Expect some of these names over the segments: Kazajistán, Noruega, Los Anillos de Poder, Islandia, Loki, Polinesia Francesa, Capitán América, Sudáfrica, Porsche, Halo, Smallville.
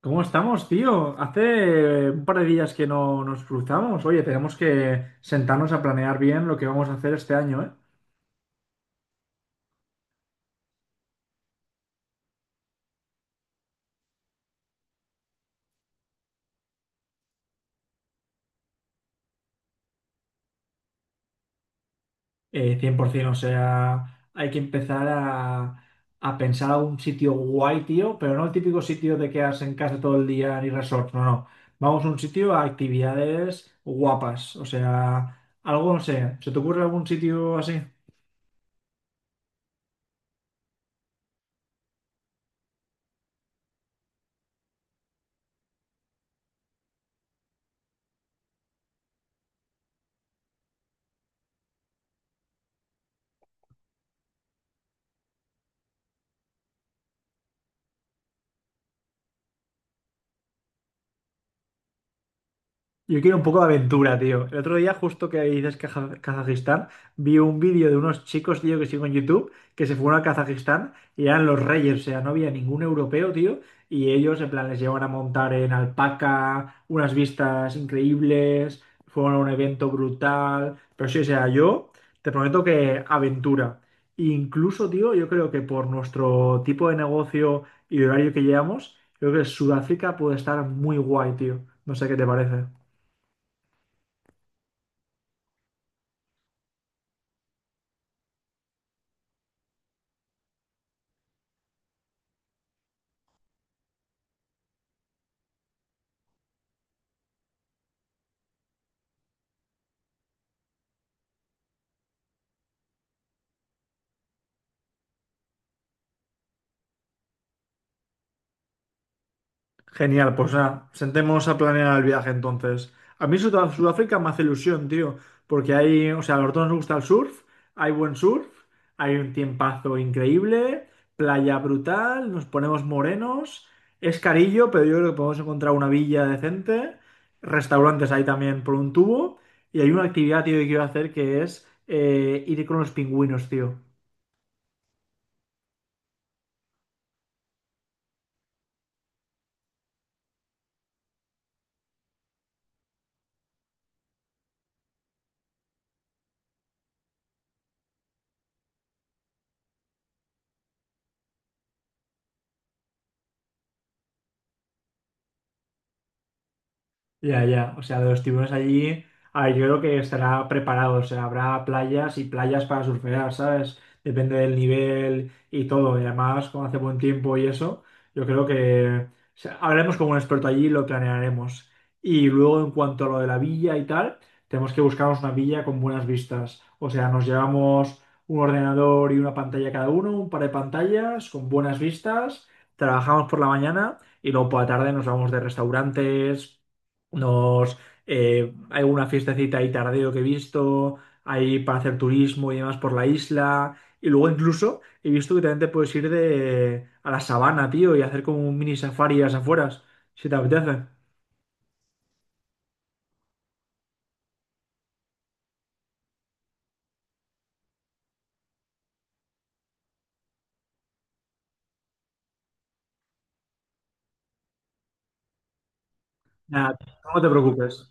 ¿Cómo estamos, tío? Hace un par de días que no nos cruzamos. Oye, tenemos que sentarnos a planear bien lo que vamos a hacer este año, ¿eh? 100%, o sea, hay que empezar a pensar un sitio guay, tío, pero no el típico sitio de quedarse en casa todo el día ni resort, no, no. Vamos a un sitio a actividades guapas, o sea, algo, no sé, ¿se te ocurre algún sitio así? Yo quiero un poco de aventura, tío. El otro día, justo que dices Kazajistán, vi un vídeo de unos chicos, tío, que sigo en YouTube, que se fueron a Kazajistán y eran los reyes, o sea, no había ningún europeo, tío, y ellos, en plan, les llevan a montar en alpaca, unas vistas increíbles, fueron a un evento brutal, pero sí, o sea, yo te prometo que aventura. Incluso, tío, yo creo que por nuestro tipo de negocio y horario que llevamos, creo que Sudáfrica puede estar muy guay, tío. No sé qué te parece. Genial, pues nada, sentémonos a planear el viaje entonces. A mí Sudáfrica me hace ilusión, tío, porque hay, o sea, a los dos nos gusta el surf, hay buen surf, hay un tiempazo increíble, playa brutal, nos ponemos morenos, es carillo, pero yo creo que podemos encontrar una villa decente, restaurantes hay también por un tubo, y hay una actividad, tío, que quiero hacer que es ir con los pingüinos, tío. Ya, ya, o sea, los tiburones allí, a ver, yo creo que estará preparado, o sea, habrá playas y playas para surfear, ¿sabes? Depende del nivel y todo, y además, como hace buen tiempo y eso, yo creo que o sea, hablaremos con un experto allí y lo planearemos. Y luego, en cuanto a lo de la villa y tal, tenemos que buscarnos una villa con buenas vistas, o sea, nos llevamos un ordenador y una pantalla cada uno, un par de pantallas con buenas vistas, trabajamos por la mañana y luego por la tarde nos vamos de restaurantes nos, hay una fiestecita ahí tardeo que he visto, hay para hacer turismo y demás por la isla. Y luego incluso he visto que también te puedes ir de, a la sabana, tío, y hacer como un mini safari a las afueras, si te apetece. Nada, no te preocupes.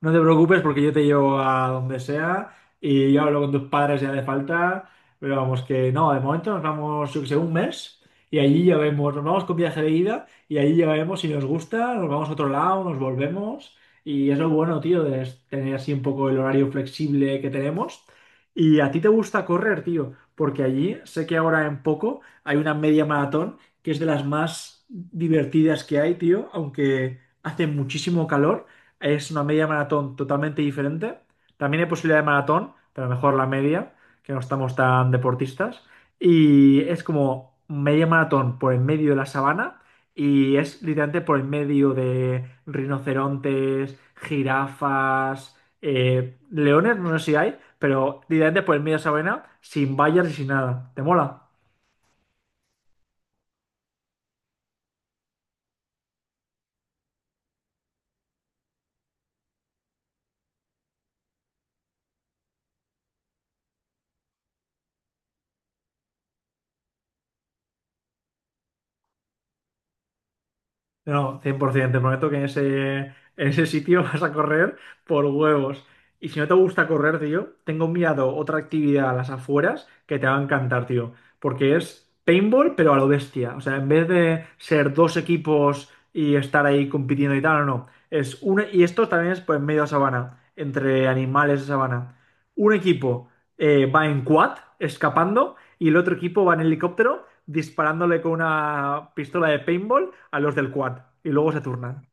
No te preocupes porque yo te llevo a donde sea y yo hablo con tus padres si hace falta, pero vamos que no, de momento nos vamos, yo que sé, un mes y allí ya vemos, nos vamos con viaje de ida y allí ya vemos si nos gusta, nos vamos a otro lado, nos volvemos y es lo bueno, tío, de tener así un poco el horario flexible que tenemos. Y a ti te gusta correr, tío, porque allí sé que ahora en poco hay una media maratón que es de las más divertidas que hay, tío, aunque hace muchísimo calor es una media maratón totalmente diferente. También hay posibilidad de maratón, pero mejor la media, que no estamos tan deportistas. Y es como media maratón por el medio de la sabana y es literalmente por el medio de rinocerontes, jirafas, leones, no sé si hay, pero literalmente por el medio de la sabana, sin vallas y sin nada. ¿Te mola? No, 100%. Te prometo que en ese sitio vas a correr por huevos. Y si no te gusta correr, tío, tengo mirado otra actividad a las afueras que te va a encantar, tío. Porque es paintball, pero a lo bestia. O sea, en vez de ser dos equipos y estar ahí compitiendo y tal, no, no. Es uno, y esto también es pues, en medio de sabana, entre animales de sabana. Un equipo va en quad, escapando, y el otro equipo va en helicóptero disparándole con una pistola de paintball a los del quad y luego se turnan.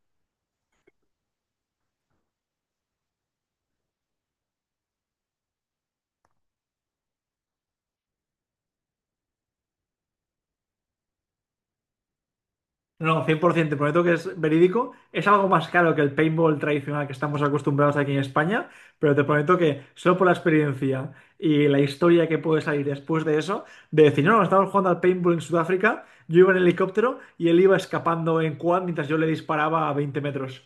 No, cien por ciento te prometo que es verídico. Es algo más caro que el paintball tradicional que estamos acostumbrados aquí en España, pero te prometo que solo por la experiencia y la historia que puede salir después de eso, de decir, no, no, estábamos jugando al paintball en Sudáfrica, yo iba en helicóptero y él iba escapando en quad mientras yo le disparaba a 20 metros.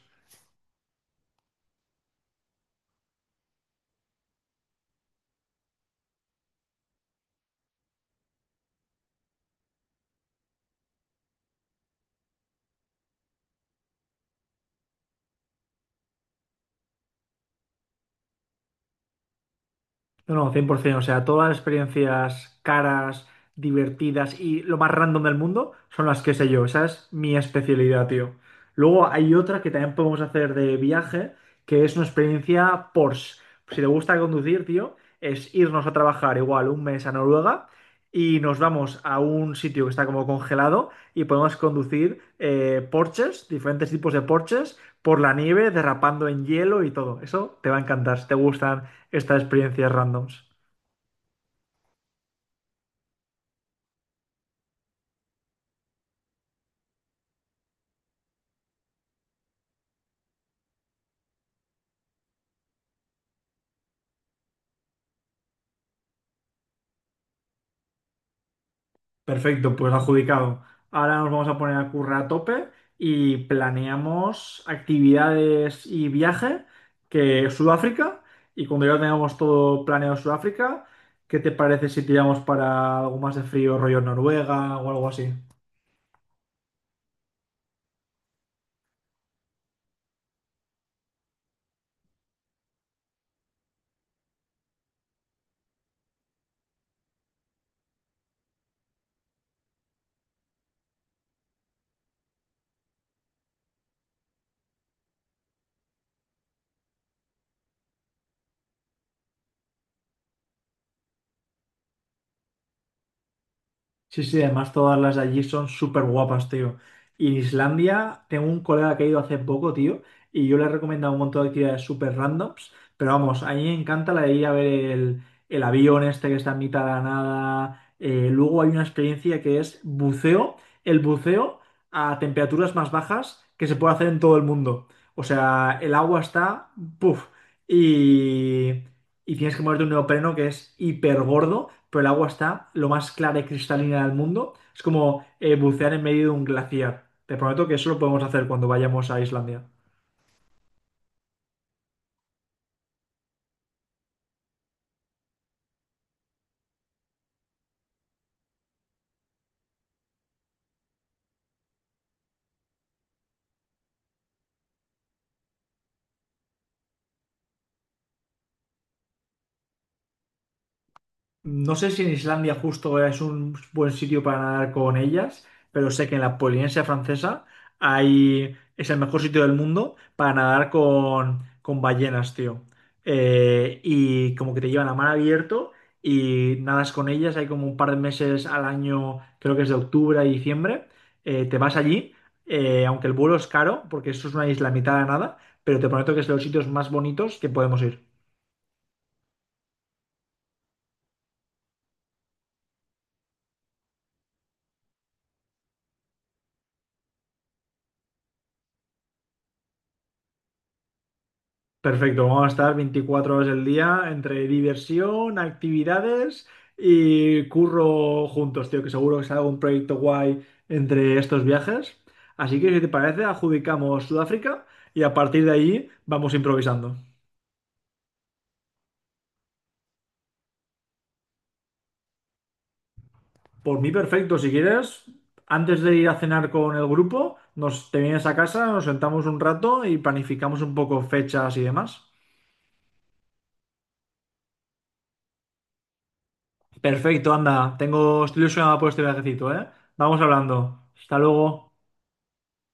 No, no, 100%. O sea, todas las experiencias caras, divertidas y lo más random del mundo son las que sé yo. Esa es mi especialidad, tío. Luego hay otra que también podemos hacer de viaje, que es una experiencia Porsche. Si te gusta conducir, tío, es irnos a trabajar igual un mes a Noruega y nos vamos a un sitio que está como congelado y podemos conducir Porsches, diferentes tipos de Porsches, por la nieve, derrapando en hielo y todo. Eso te va a encantar. Si te gustan estas experiencias randoms. Perfecto, pues adjudicado. Ahora nos vamos a poner a currar a tope y planeamos actividades y viaje que Sudáfrica. Y cuando ya tengamos todo planeado Sudáfrica, ¿qué te parece si tiramos para algo más de frío, rollo Noruega o algo así? Sí, sí, además todas las de allí son súper guapas, tío. Y en Islandia, tengo un colega que ha ido hace poco, tío, y yo le he recomendado un montón de actividades súper randoms, pero vamos, a mí me encanta la de ir a ver el avión este que está en mitad de la nada. Luego hay una experiencia que es buceo, el buceo a temperaturas más bajas que se puede hacer en todo el mundo. O sea, el agua está, puff, y, y tienes que moverte un neopreno que es hiper gordo pero el agua está lo más clara y cristalina del mundo. Es como bucear en medio de un glaciar. Te prometo que eso lo podemos hacer cuando vayamos a Islandia. No sé si en Islandia justo es un buen sitio para nadar con ellas, pero sé que en la Polinesia Francesa hay, es el mejor sitio del mundo para nadar con ballenas, tío. Y como que te llevan a mar abierto y nadas con ellas, hay como un par de meses al año, creo que es de octubre a diciembre, te vas allí, aunque el vuelo es caro, porque eso es una isla a mitad de la nada, pero te prometo que es de los sitios más bonitos que podemos ir. Perfecto, vamos a estar 24 horas del día entre diversión, actividades y curro juntos, tío, que seguro que sale un proyecto guay entre estos viajes. Así que si te parece, adjudicamos Sudáfrica y a partir de ahí vamos improvisando. Por mí, perfecto, si quieres, antes de ir a cenar con el grupo, nos te vienes a casa, nos sentamos un rato y planificamos un poco fechas y demás. Perfecto, anda, tengo, estoy ilusionado por este viajecito, ¿eh? Vamos hablando. Hasta luego.